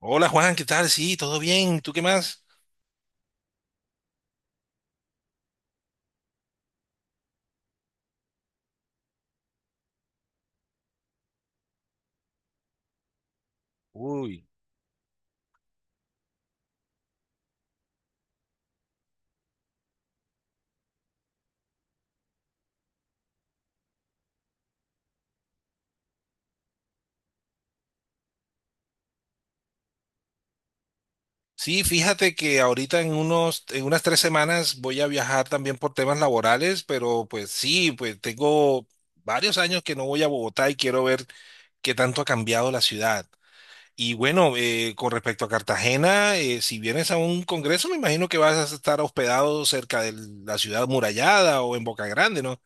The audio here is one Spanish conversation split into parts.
Hola Juan, ¿qué tal? Sí, todo bien. ¿Tú qué más? Uy. Sí, fíjate que ahorita en unas tres semanas voy a viajar también por temas laborales, pero pues sí, pues tengo varios años que no voy a Bogotá y quiero ver qué tanto ha cambiado la ciudad. Y bueno, con respecto a Cartagena, si vienes a un congreso, me imagino que vas a estar hospedado cerca de la ciudad murallada o en Boca Grande, ¿no?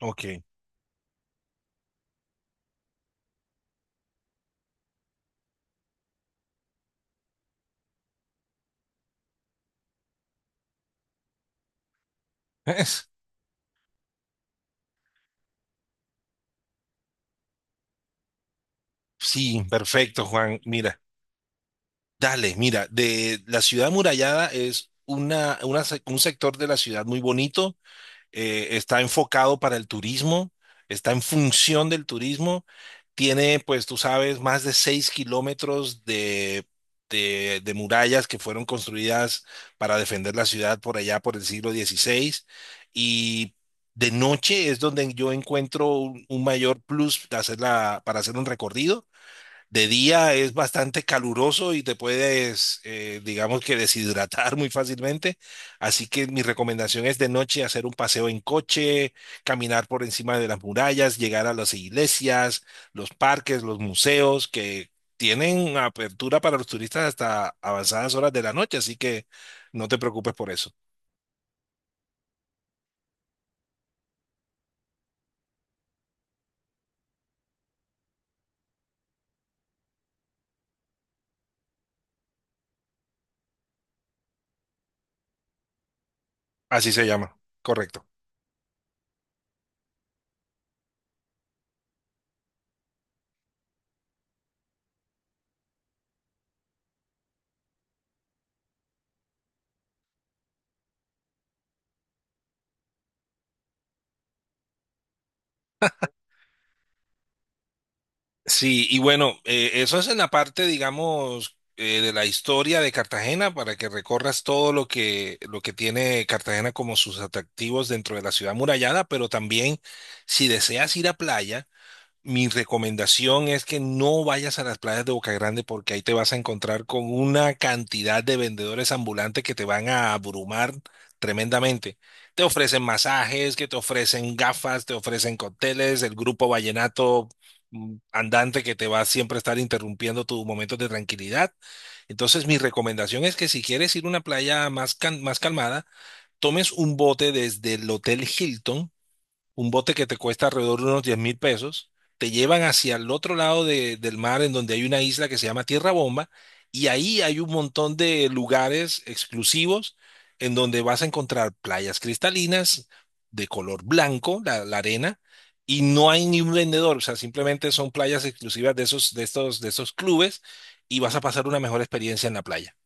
Ok. Sí, perfecto, Juan. Mira. Dale, mira, de la ciudad amurallada es un sector de la ciudad muy bonito, está enfocado para el turismo, está en función del turismo, tiene, pues tú sabes, más de seis kilómetros de murallas que fueron construidas para defender la ciudad por allá por el siglo XVI. Y de noche es donde yo encuentro un mayor plus de para hacer un recorrido. De día es bastante caluroso y te puedes, digamos que deshidratar muy fácilmente. Así que mi recomendación es de noche hacer un paseo en coche, caminar por encima de las murallas, llegar a las iglesias, los parques, los museos, que tienen apertura para los turistas hasta avanzadas horas de la noche. Así que no te preocupes por eso. Así se llama, correcto. Sí, y bueno, eso es en la parte, digamos, de la historia de Cartagena para que recorras todo lo que tiene Cartagena como sus atractivos dentro de la ciudad murallada, pero también si deseas ir a playa. Mi recomendación es que no vayas a las playas de Boca Grande porque ahí te vas a encontrar con una cantidad de vendedores ambulantes que te van a abrumar tremendamente. Te ofrecen masajes, que te ofrecen gafas, te ofrecen cócteles, el grupo vallenato andante que te va a siempre estar interrumpiendo tus momentos de tranquilidad. Entonces, mi recomendación es que si quieres ir a una playa más calmada, tomes un bote desde el Hotel Hilton, un bote que te cuesta alrededor de unos 10 mil pesos. Te llevan hacia el otro lado del mar, en donde hay una isla que se llama Tierra Bomba, y ahí hay un montón de lugares exclusivos en donde vas a encontrar playas cristalinas de color blanco, la arena, y no hay ni un vendedor, o sea, simplemente son playas exclusivas de esos clubes, y vas a pasar una mejor experiencia en la playa.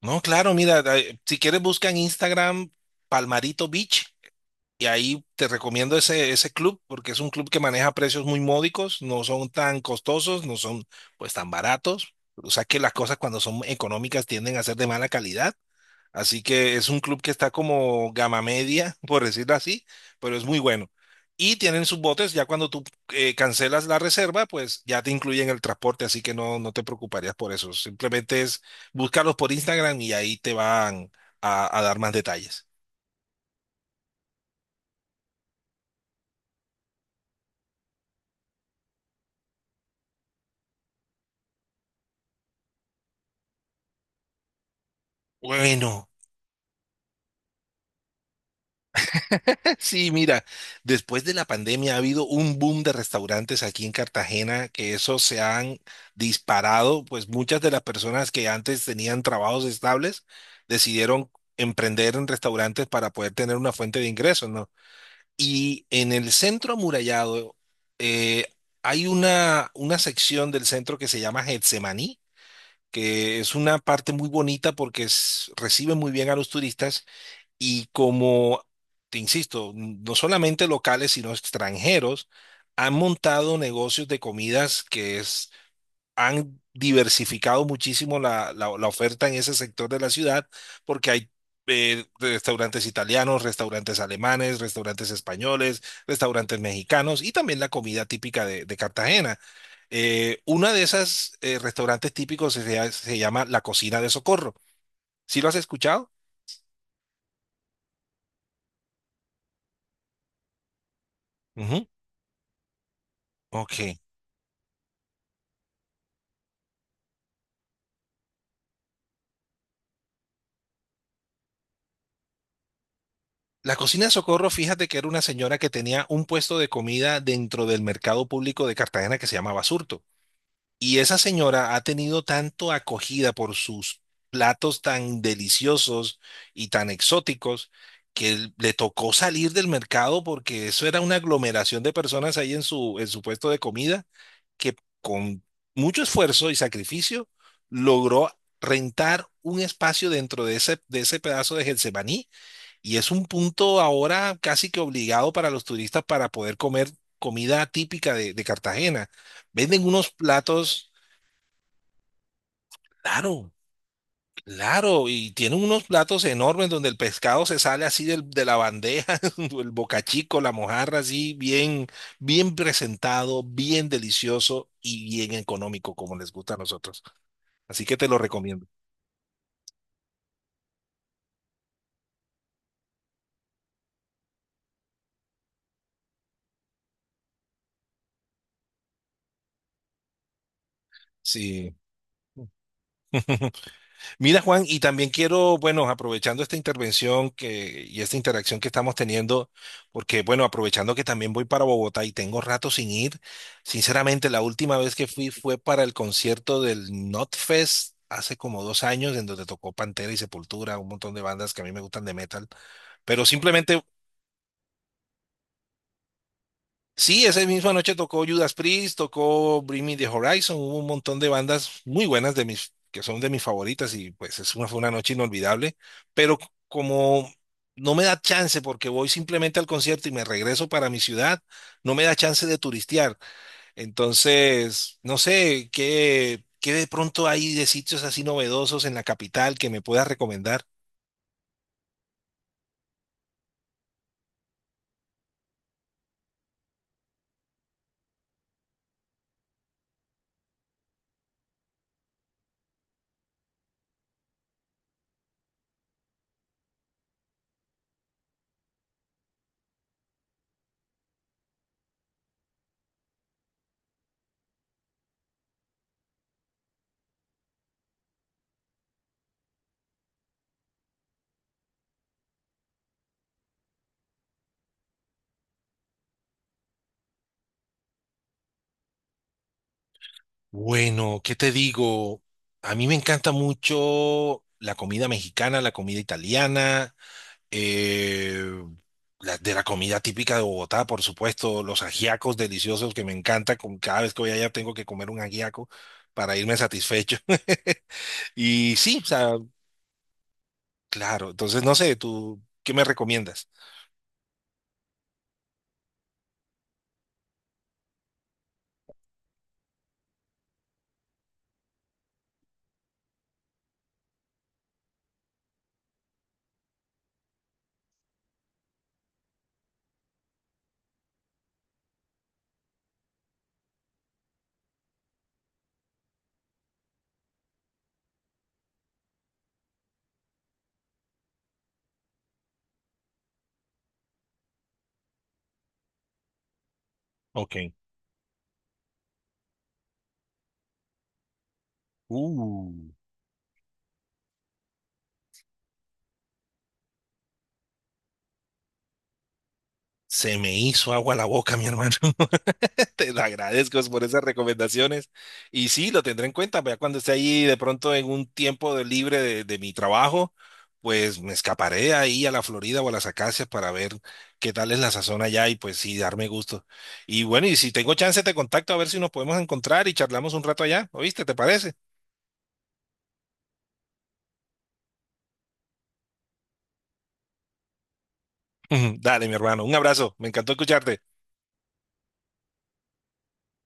No, claro, mira, si quieres busca en Instagram Palmarito Beach. Y ahí te recomiendo ese club porque es un club que maneja precios muy módicos, no son tan costosos, no son pues tan baratos. O sea que las cosas cuando son económicas tienden a ser de mala calidad. Así que es un club que está como gama media, por decirlo así, pero es muy bueno. Y tienen sus botes. Ya cuando tú cancelas la reserva, pues ya te incluyen el transporte, así que no, no te preocuparías por eso. Simplemente es buscarlos por Instagram y ahí te van a dar más detalles. Bueno. Sí, mira, después de la pandemia ha habido un boom de restaurantes aquí en Cartagena que eso se han disparado, pues muchas de las personas que antes tenían trabajos estables decidieron emprender en restaurantes para poder tener una fuente de ingresos, ¿no? Y en el centro amurallado eh, hay una sección del centro que se llama Getsemaní, que es una parte muy bonita porque recibe muy bien a los turistas y como, te insisto, no solamente locales, sino extranjeros han montado negocios de comidas, que es, han diversificado muchísimo la oferta en ese sector de la ciudad, porque hay restaurantes italianos, restaurantes alemanes, restaurantes españoles, restaurantes mexicanos y también la comida típica de Cartagena. Una de esas restaurantes típicos se llama La Cocina de Socorro. ¿Sí lo has escuchado? Ujú. Ok. La Cocina de Socorro, fíjate que era una señora que tenía un puesto de comida dentro del mercado público de Cartagena que se llamaba Surto. Y esa señora ha tenido tanto acogida por sus platos tan deliciosos y tan exóticos que le tocó salir del mercado porque eso era una aglomeración de personas ahí en su puesto de comida, que con mucho esfuerzo y sacrificio logró rentar un espacio dentro de ese pedazo de Getsemaní, y es un punto ahora casi que obligado para los turistas para poder comer comida típica de Cartagena. Venden unos platos, claro, claro, y tienen unos platos enormes donde el pescado se sale así de la bandeja, el bocachico, la mojarra, así bien, bien presentado, bien delicioso y bien económico, como les gusta a nosotros. Así que te lo recomiendo. Sí. Mira, Juan, y también quiero, bueno, aprovechando esta intervención y esta interacción que estamos teniendo, porque, bueno, aprovechando que también voy para Bogotá y tengo rato sin ir, sinceramente, la última vez que fui fue para el concierto del Fest hace como dos años, en donde tocó Pantera y Sepultura, un montón de bandas que a mí me gustan de metal, pero simplemente… Sí, esa misma noche tocó Judas Priest, tocó Bring Me the Horizon, hubo un montón de bandas muy buenas de que son de mis favoritas, y pues es una, fue una noche inolvidable, pero como no me da chance porque voy simplemente al concierto y me regreso para mi ciudad, no me da chance de turistear. Entonces, no sé, ¿qué, qué de pronto hay de sitios así novedosos en la capital que me puedas recomendar? Bueno, ¿qué te digo? A mí me encanta mucho la comida mexicana, la comida italiana, eh, de la comida típica de Bogotá, por supuesto, los ajiacos deliciosos que me encanta. Con, cada vez que voy allá tengo que comer un ajiaco para irme satisfecho. Y sí, o sea, claro. Entonces, no sé, ¿tú qué me recomiendas? Ok. Uh, se me hizo agua la boca, mi hermano. Te lo agradezco por esas recomendaciones. Y sí, lo tendré en cuenta. Ya cuando esté ahí de pronto en un tiempo de libre de mi trabajo, pues me escaparé ahí a la Florida o a las Acacias para ver qué tal es la sazón allá y pues sí, darme gusto. Y bueno, y si tengo chance te contacto a ver si nos podemos encontrar y charlamos un rato allá. ¿Oíste? ¿Te parece? Dale, mi hermano. Un abrazo. Me encantó escucharte.